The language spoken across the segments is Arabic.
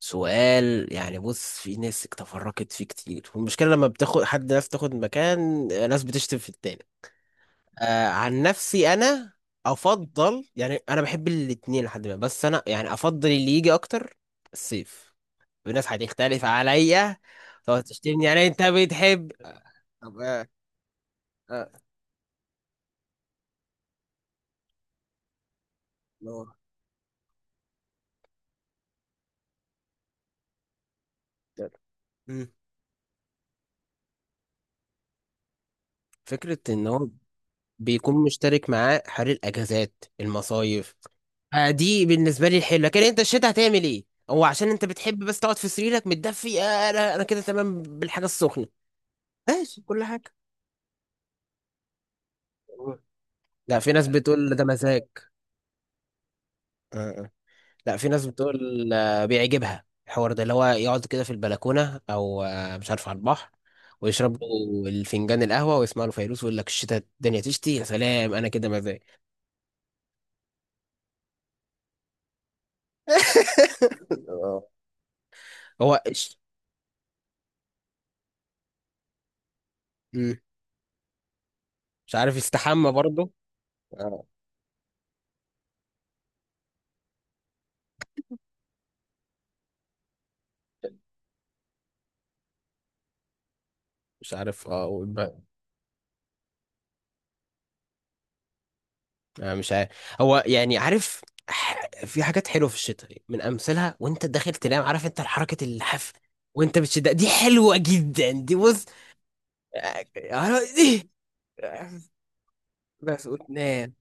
سؤال يعني بص، في ناس تفرقت فيه كتير، والمشكلة لما بتاخد حد ناس تاخد مكان، ناس بتشتم في التاني. عن نفسي أنا أفضل، يعني أنا بحب الاتنين لحد ما، بس أنا يعني أفضل اللي يجي أكتر، الصيف. الناس هتختلف عليا، تقعد تشتمني. يعني أنت بتحب؟ طب آه لو- مم. فكرة إن هو بيكون مشترك معاه حر، الأجازات، المصايف. دي بالنسبه لي الحلوه، لكن انت الشتاء هتعمل ايه؟ هو عشان انت بتحب بس تقعد في سريرك متدفي. انا كده تمام بالحاجه السخنه. ماشي كل حاجه. لا، في ناس بتقول ده مزاج. آه، آه. لا، في ناس بتقول بيعجبها الحوار ده، اللي هو يقعد كده في البلكونه، او مش عارف، على البحر، ويشرب له الفنجان القهوه، ويسمع له فيروز، ويقول لك الشتاء الدنيا تشتي يا سلام. انا كده مزاج. آه. هو مم. مش عارف يستحمى برضه. آه، مش عارف. اه أنا مش عارف. هو يعني عارف. في حاجات حلوه في الشتاء، من امثلها، وانت داخل تنام عارف انت حركه اللحاف وانت بتشد، دي حلوه جدا دي، بص. آه، دي. آه، بس وتنام.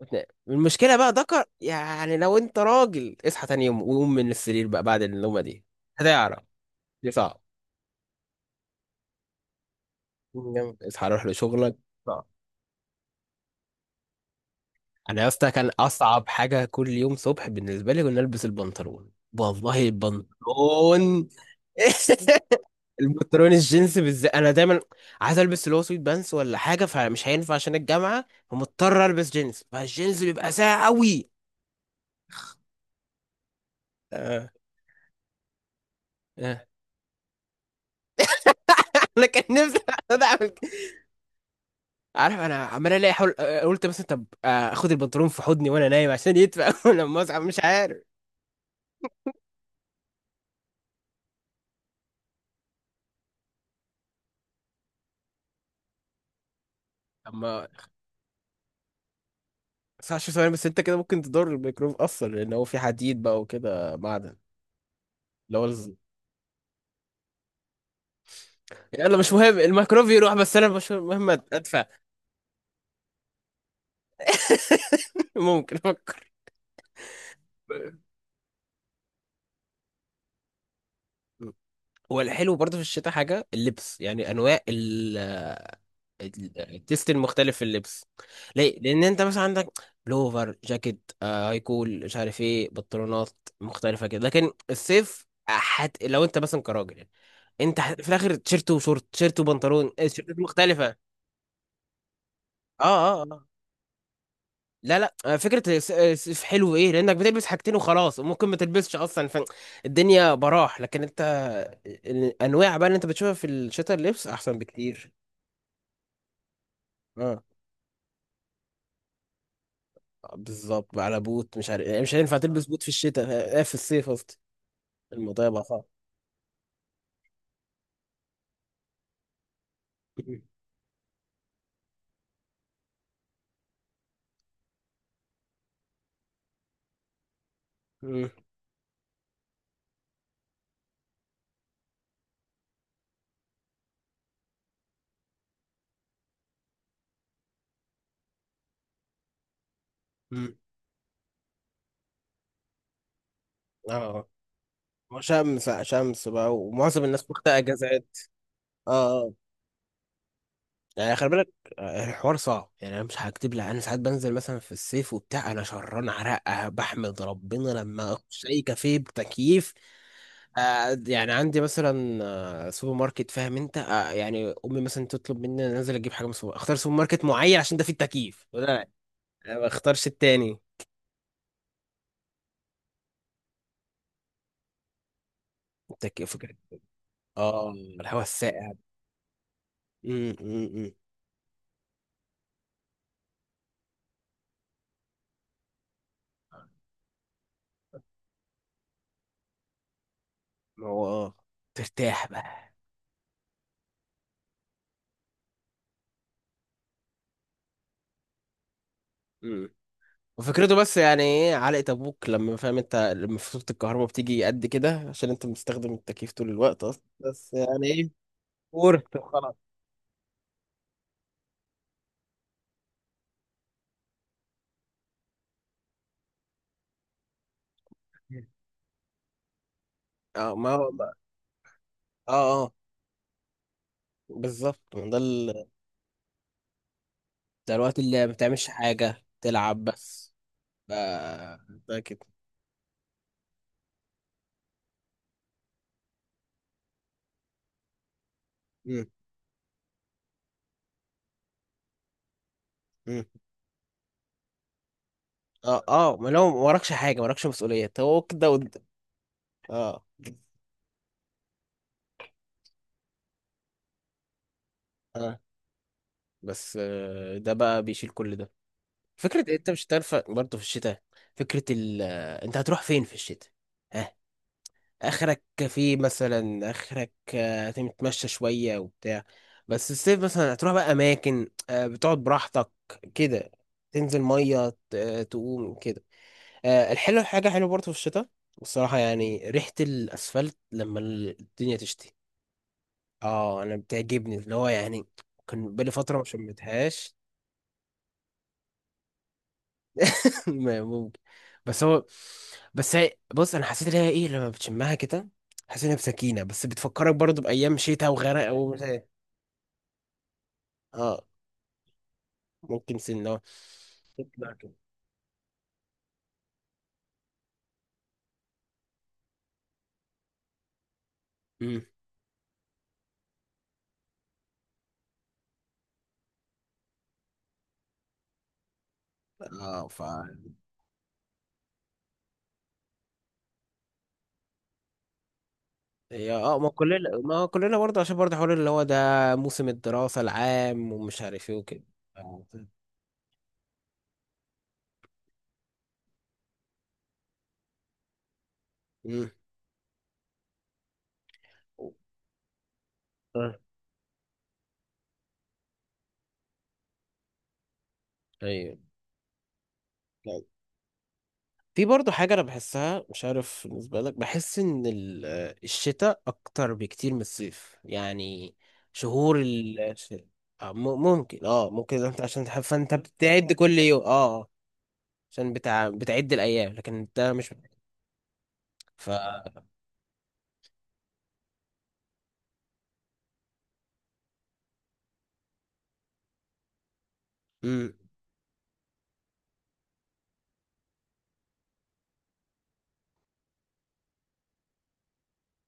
وتنام المشكله بقى، ذكر يعني لو انت راجل، اصحى تاني يوم وقوم من السرير بقى بعد النومه دي. هتعرف. دي صعب. اصحى روح لشغلك. صعب. انا يا اسطى كان اصعب حاجه كل يوم صبح بالنسبه لي كنا البس البنطلون. والله البنطلون. البنطلون الجينز بالذات، انا دايما عايز البس اللي هو سويت بانس ولا حاجه، فمش هينفع عشان الجامعه، فمضطر البس جينز، فالجينز بيبقى ساقع قوي. آه. آه. انا كان نفسي أقعد اعمل كده. عارف انا عمال الاقي حول، قلت مثلا طب. اخد البنطلون في حضني وانا نايم عشان يدفى. لما اصحى مش عارف. اما 19 ثواني، بس انت كده ممكن تضر الميكروب اصلا، لان هو في حديد بقى وكده معدن. اللي هو يلا، مش مهم الميكروب يروح، بس انا مش مهم ادفع. ممكن افكر. هو الحلو برضه في الشتاء حاجة اللبس، يعني أنواع التيست المختلف في اللبس. ليه؟ لأن أنت مثلا عندك بلوفر، جاكيت، هاي كول، مش عارف إيه، بنطلونات مختلفة كده. لكن الصيف لو أنت مثلا كراجل يعني، أنت في الآخر تيشيرت وشورت، تيشيرت وبنطلون، التيشيرتات مختلفة. اه، اه، آه. لا، لا، فكرة الصيف حلو، ايه لانك بتلبس حاجتين وخلاص، وممكن ما تلبسش اصلا، فالدنيا براح. لكن انت الانواع بقى اللي انت بتشوفها في الشتاء، اللبس احسن بكتير. اه، بالظبط، على بوت مش عارف يعني، مش هينفع تلبس بوت في الشتاء. في الصيف قصدي. الموضوع يبقى صعب. م- م- م. اه، هو شمس شمس بقى، ومعظم الناس واخدة اجازات. اه. آه. يعني خلي بالك، الحوار صعب يعني. انا مش هكتب لك، انا ساعات بنزل مثلا في الصيف وبتاع، انا شران عرقه بحمد ربنا لما اخش اي كافيه بتكييف. يعني عندي مثلا سوبر ماركت، فاهم انت؟ يعني امي مثلا تطلب مني أنا انزل اجيب حاجه من سوبر، اختار سوبر ماركت معين عشان ده فيه التكييف ولا لا. أنا ما اختارش التاني. التكييف فكره. اه، الهواء الساقع. امم، أمم، أمم. ما هو اه، ترتاح بقى. م- وفكرته، بس يعني ايه علقة ابوك لما فاهم انت لما فاتورة الكهرباء بتيجي قد كده عشان انت مستخدم التكييف طول الوقت اصلا، بس يعني ايه؟ ورث. خلاص. اه، ما هو اه، اه، بالظبط. ده ده الوقت اللي ما بتعملش حاجة، تلعب بس. ف- ده كده. مم. مم. اه، اه، ما لو ما وراكش حاجة، ما وراكش مسؤولية، هو كده وده. اه، اه، بس ده بقى بيشيل كل ده. فكرة إيه؟ انت مش هتنفع برضه في الشتاء. فكرة ال آه، انت هتروح فين في الشتاء؟ ها؟ اخرك كافيه مثلا، اخرك هتتمشى شوية وبتاع. بس الصيف مثلا هتروح بقى اماكن، بتقعد براحتك كده، تنزل مية تقوم كده. الحلو حاجة حلوة برضه في الشتاء، والصراحة يعني ريحة الاسفلت لما الدنيا تشتي. اه، انا بتعجبني اللي هو يعني، كان بقالي فترة ما شمتهاش. ممكن. بس هو بس هي، بص، انا حسيت ان هي ايه لما بتشمها كده. حسيت ان هي بسكينه، بس بتفكرك برضو بايام شتاء وغرق، و اه ممكن سنه تطلع كده. امم اه ف هي، ما كلنا، ما كلنا برضه، عشان برضه حوار اللي هو ده، موسم الدراسه العام، ومش عارف ايه وكده. امم ايوه. في برضه حاجة أنا بحسها، مش عارف بالنسبة لك، بحس إن الشتاء أكتر بكتير من الصيف يعني. شهور ال الش- آه، م- ممكن. اه ممكن انت عشان تحب فانت بتعد كل يوم. اه. آه، عشان بتعد الأيام، لكن انت مش ف مم.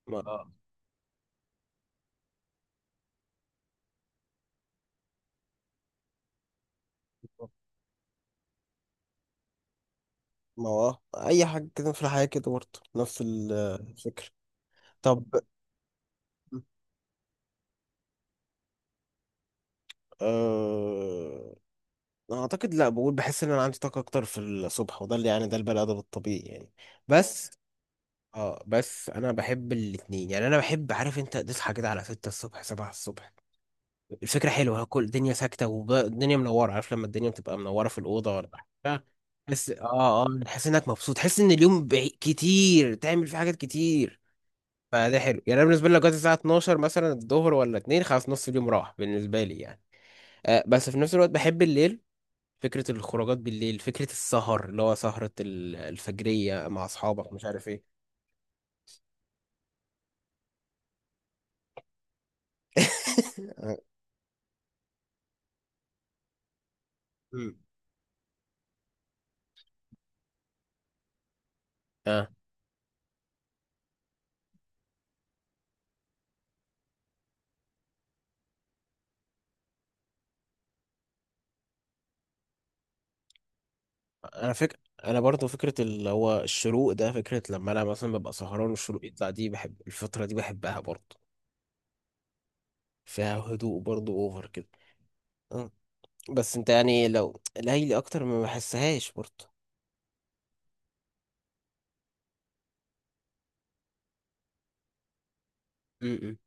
ما آه. ما هو اي حاجه كده في الحياه كده برضه، نفس الفكره. طب، أه... أنا اعتقد لا، بقول بحس ان انا عندي طاقه اكتر في الصبح، وده اللي يعني، ده البني ادم الطبيعي يعني. بس اه بس انا بحب الاتنين يعني. انا بحب عارف انت تصحى كده على 6 الصبح، 7 الصبح. الفكره حلوه، كل الدنيا ساكته والدنيا منوره، عارف لما الدنيا بتبقى منوره في الاوضه ولا حاجه. تحس اه اه تحس انك مبسوط، تحس ان اليوم كتير تعمل فيه حاجات كتير. فده حلو يعني. انا بالنسبه لي لو جت الساعه 12 مثلا الظهر، ولا 2، خلاص نص اليوم راح بالنسبه لي يعني. بس في نفس الوقت بحب الليل، فكره الخروجات بالليل، فكره السهر اللي هو سهره الفجريه مع اصحابك مش عارف ايه. آه. انا برضو فكره اللي هو الشروق ده، فكره لما انا مثلا ببقى سهران والشروق يطلع دي، بحب الفتره دي، بحبها برضو. فيها هدوء برضو اوفر كده. أه. بس انت يعني لو ليلي اكتر ما بحسهاش برضو. م-م.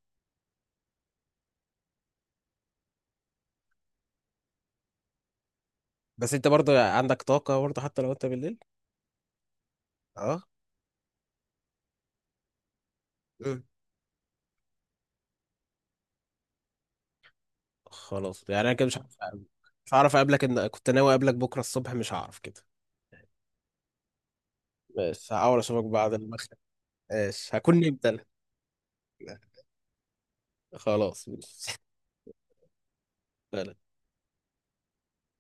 بس انت برضو عندك طاقه برضو حتى لو انت بالليل. اه. م. خلاص يعني، انا كده مش عارف. مش هعرف اقابلك ان كنت ناوي اقابلك بكره الصبح، مش هعرف كده. بس هحاول اشوفك بعد المغرب. ماشي، هكون نمت انا. خلاص ماشي.